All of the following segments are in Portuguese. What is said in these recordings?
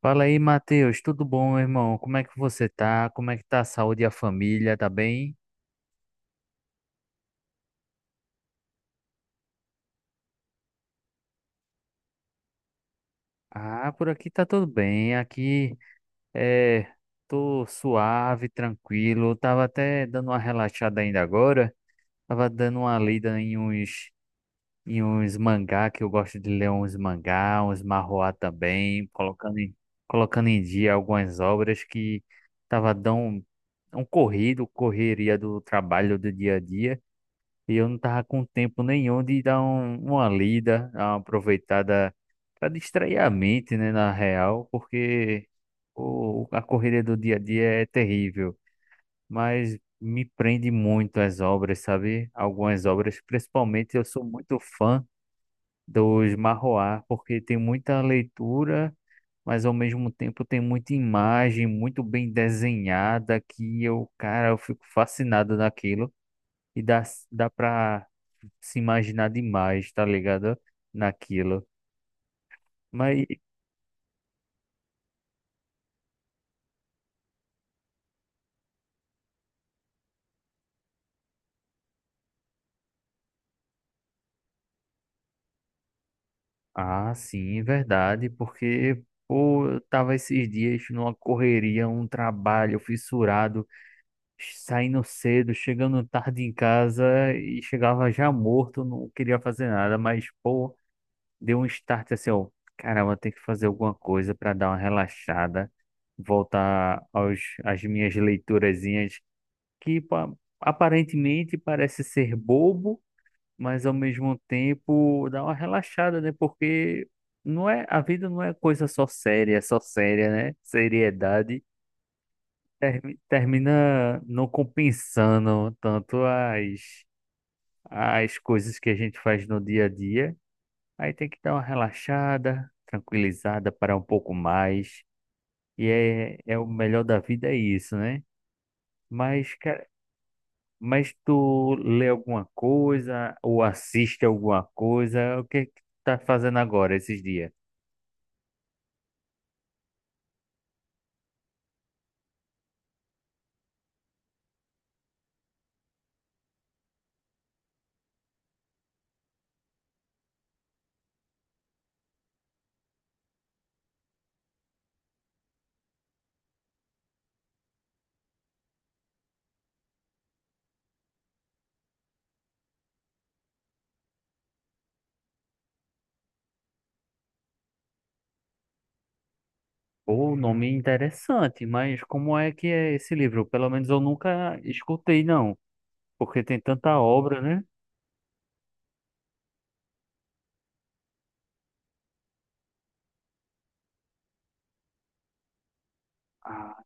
Fala aí, Matheus. Tudo bom, meu irmão? Como é que você tá? Como é que tá a saúde e a família? Tá bem? Ah, por aqui tá tudo bem. Aqui é, tô suave, tranquilo. Tava até dando uma relaxada ainda agora. Tava dando uma lida em uns mangá, que eu gosto de ler uns mangá, uns manhwa também, colocando em dia algumas obras que tava dando um corrido, correria do trabalho do dia a dia. E eu não tava com tempo nenhum de dar uma lida, dar uma aproveitada para distrair a mente, né, na real, porque a correria do dia a dia é terrível, mas me prende muito as obras, sabe? Algumas obras, principalmente eu sou muito fã dos marroá, porque tem muita leitura, mas ao mesmo tempo tem muita imagem muito bem desenhada que eu, cara, eu fico fascinado naquilo. E dá pra se imaginar demais, tá ligado? Naquilo. Mas, sim, verdade, porque, pô, eu tava esses dias numa correria, um trabalho fissurado, saindo cedo, chegando tarde em casa e chegava já morto, não queria fazer nada, mas, pô, deu um start assim, ó, caramba, tem que fazer alguma coisa pra dar uma relaxada, voltar aos, às minhas leiturazinhas. que pa- Aparentemente parece ser bobo, mas ao mesmo tempo dá uma relaxada, né? Porque não é, a vida não é coisa só séria, é só séria, né? Seriedade termina não compensando tanto as coisas que a gente faz no dia a dia. Aí tem que dar uma relaxada, tranquilizada, parar um pouco mais. E é o melhor da vida é isso, né? Mas, cara, mas tu lê alguma coisa ou assiste alguma coisa? O que é que tu tá fazendo agora esses dias? O nome é interessante, mas como é que é esse livro? Pelo menos eu nunca escutei, não, porque tem tanta obra, né? Ah,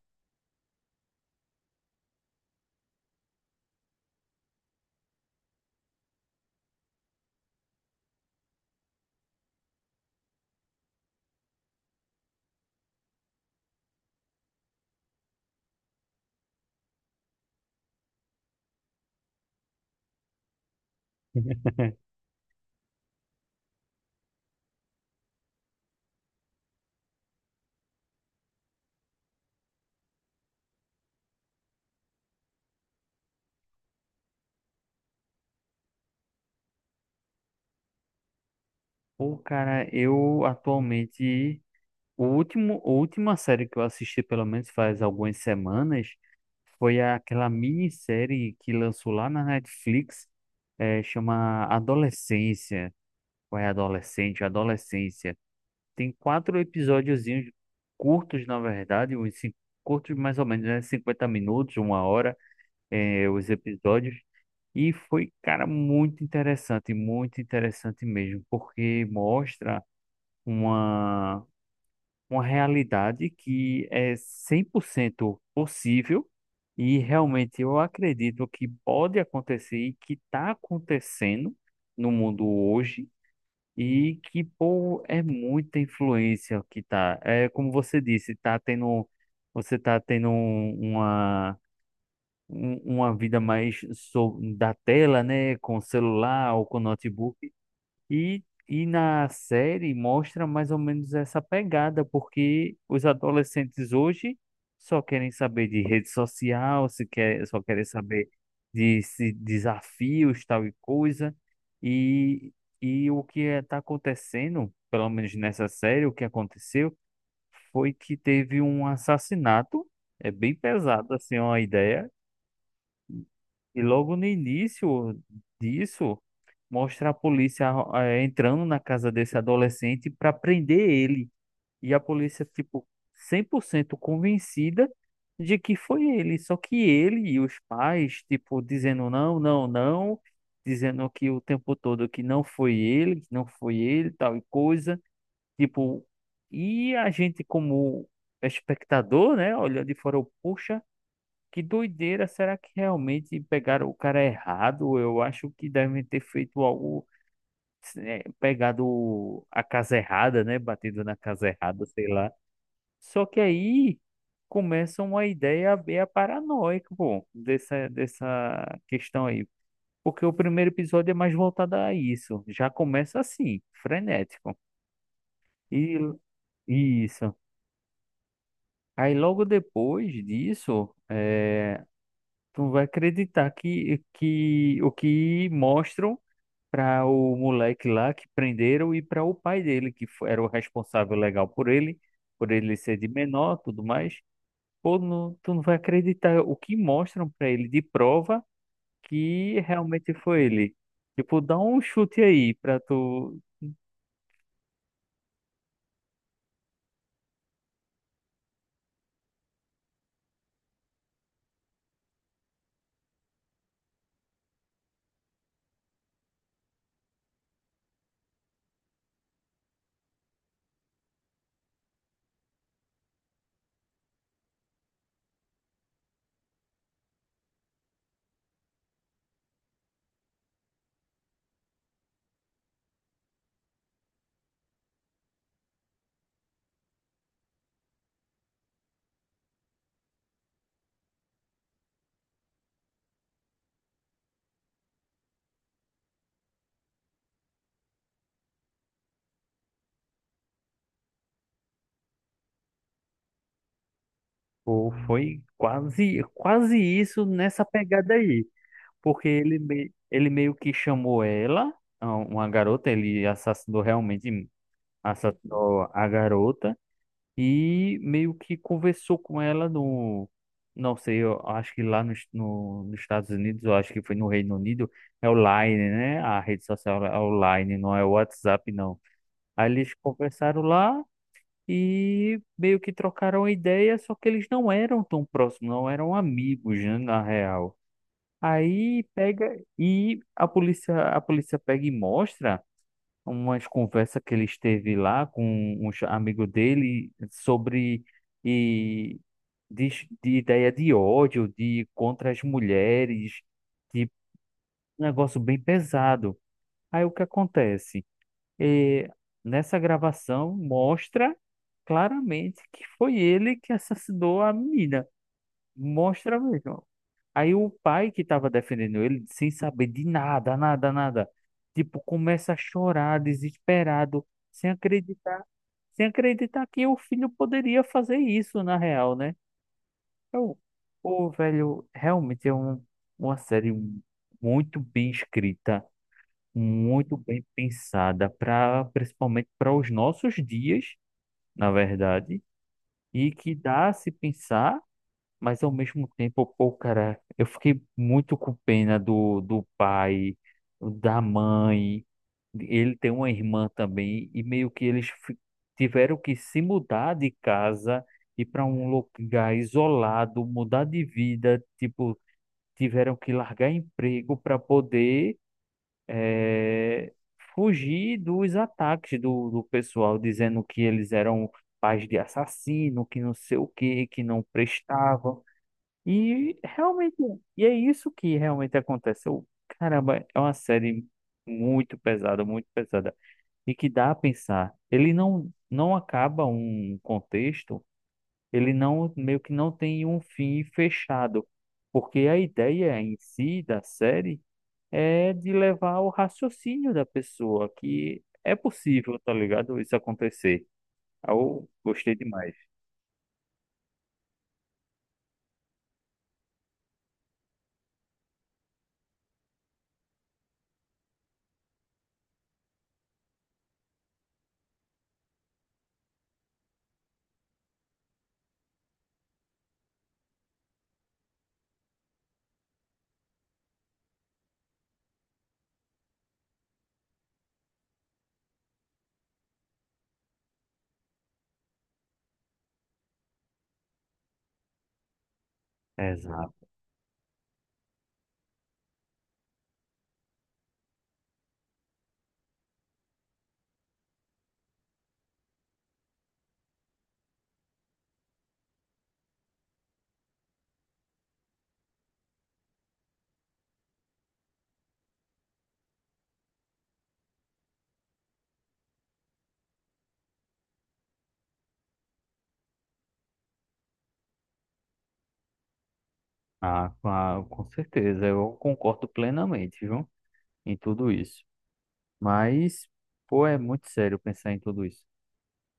pô, cara, eu atualmente a última série que eu assisti, pelo menos faz algumas semanas, foi aquela minissérie que lançou lá na Netflix, é chama Adolescência. Foi adolescente, adolescência. Tem quatro episódiozinhos curtos, na verdade, curtos mais ou menos, né? 50 minutos, uma hora, os episódios. E foi, cara, muito interessante mesmo, porque mostra uma, uma realidade que é 100% possível e realmente eu acredito que pode acontecer e que está acontecendo no mundo hoje e que, pô, é muita influência que tá. É como você disse, você tá tendo uma vida mais da tela, né? Com celular ou com notebook. E na série mostra mais ou menos essa pegada, porque os adolescentes hoje só querem saber de rede social, se quer, só querem saber de, se- desafios, tal e coisa. E, e o que está acontecendo, pelo menos nessa série, o que aconteceu foi que teve um assassinato. É bem pesado assim uma ideia. E logo no início disso, mostra a polícia entrando na casa desse adolescente para prender ele. E a polícia, tipo, 100% convencida de que foi ele. Só que ele e os pais, tipo, dizendo não, não, não, dizendo que o tempo todo que não foi ele, que não foi ele, tal e coisa. Tipo, e a gente como espectador, né, olhando de fora, eu, poxa. Que doideira, será que realmente pegaram o cara errado? Eu acho que devem ter feito algo, pegado a casa errada, né? Batido na casa errada, sei lá. Só que aí começa uma ideia meio paranoica, pô, dessa questão aí. Porque o primeiro episódio é mais voltado a isso. Já começa assim, frenético. E isso. Aí logo depois disso, tu vai acreditar que, o que mostram para o moleque lá que prenderam e para o pai dele, que era o responsável legal por ele ser de menor, tudo mais. Pô, não, tu não vai acreditar o que mostram para ele de prova que realmente foi ele. Tipo, dá um chute aí pra tu. Pô, foi quase, quase isso nessa pegada aí. Porque ele meio que chamou ela a uma garota, ele assassinou realmente assassinou a garota e meio que conversou com ela no. Não sei, eu acho que lá nos, no, nos Estados Unidos, eu acho que foi no Reino Unido, é o Line, né? A rede social é o Line, não é o WhatsApp, não. Aí eles conversaram lá e meio que trocaram a ideia, só que eles não eram tão próximos, não eram amigos, né, na real. Aí pega e a polícia pega e mostra umas conversas que ele esteve lá com um amigo dele sobre e de, de ideia de ódio, de contra as mulheres, de um negócio bem pesado. Aí o que acontece? É nessa gravação mostra claramente que foi ele que assassinou a menina. Mostra mesmo. Aí o pai que estava defendendo ele, sem saber de nada, nada, nada, tipo, começa a chorar, desesperado, sem acreditar, sem acreditar que o filho poderia fazer isso na real, né? Eu, o velho, realmente é uma série muito bem escrita, muito bem pensada, pra, principalmente para os nossos dias, na verdade, e que dá a se pensar. Mas ao mesmo tempo, pô, cara, eu fiquei muito com pena do pai, da mãe. Ele tem uma irmã também, e meio que eles tiveram que se mudar de casa e para um lugar isolado, mudar de vida. Tipo, tiveram que largar emprego para poder eh, fugir dos ataques do pessoal, dizendo que eles eram pais de assassino, que não sei o que que não prestavam. E realmente, e é isso que realmente acontece. Eu, caramba, é uma série muito pesada, e que dá a pensar. Ele não acaba um contexto, ele não meio que não tem um fim fechado, porque a ideia em si da série é de levar ao raciocínio da pessoa que é possível, tá ligado? Isso acontecer. Eu gostei demais. Exato. Ah, com certeza, eu concordo plenamente, viu? Em tudo isso. Mas, pô, é muito sério pensar em tudo isso.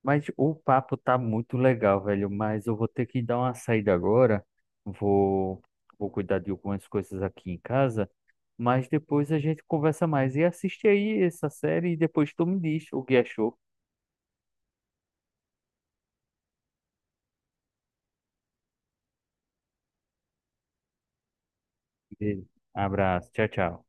Mas o papo tá muito legal, velho. Mas eu vou ter que dar uma saída agora. Vou, vou cuidar de algumas coisas aqui em casa. Mas depois a gente conversa mais. E assiste aí essa série e depois tu me diz o que achou. Beleza. Abraço. Tchau, tchau.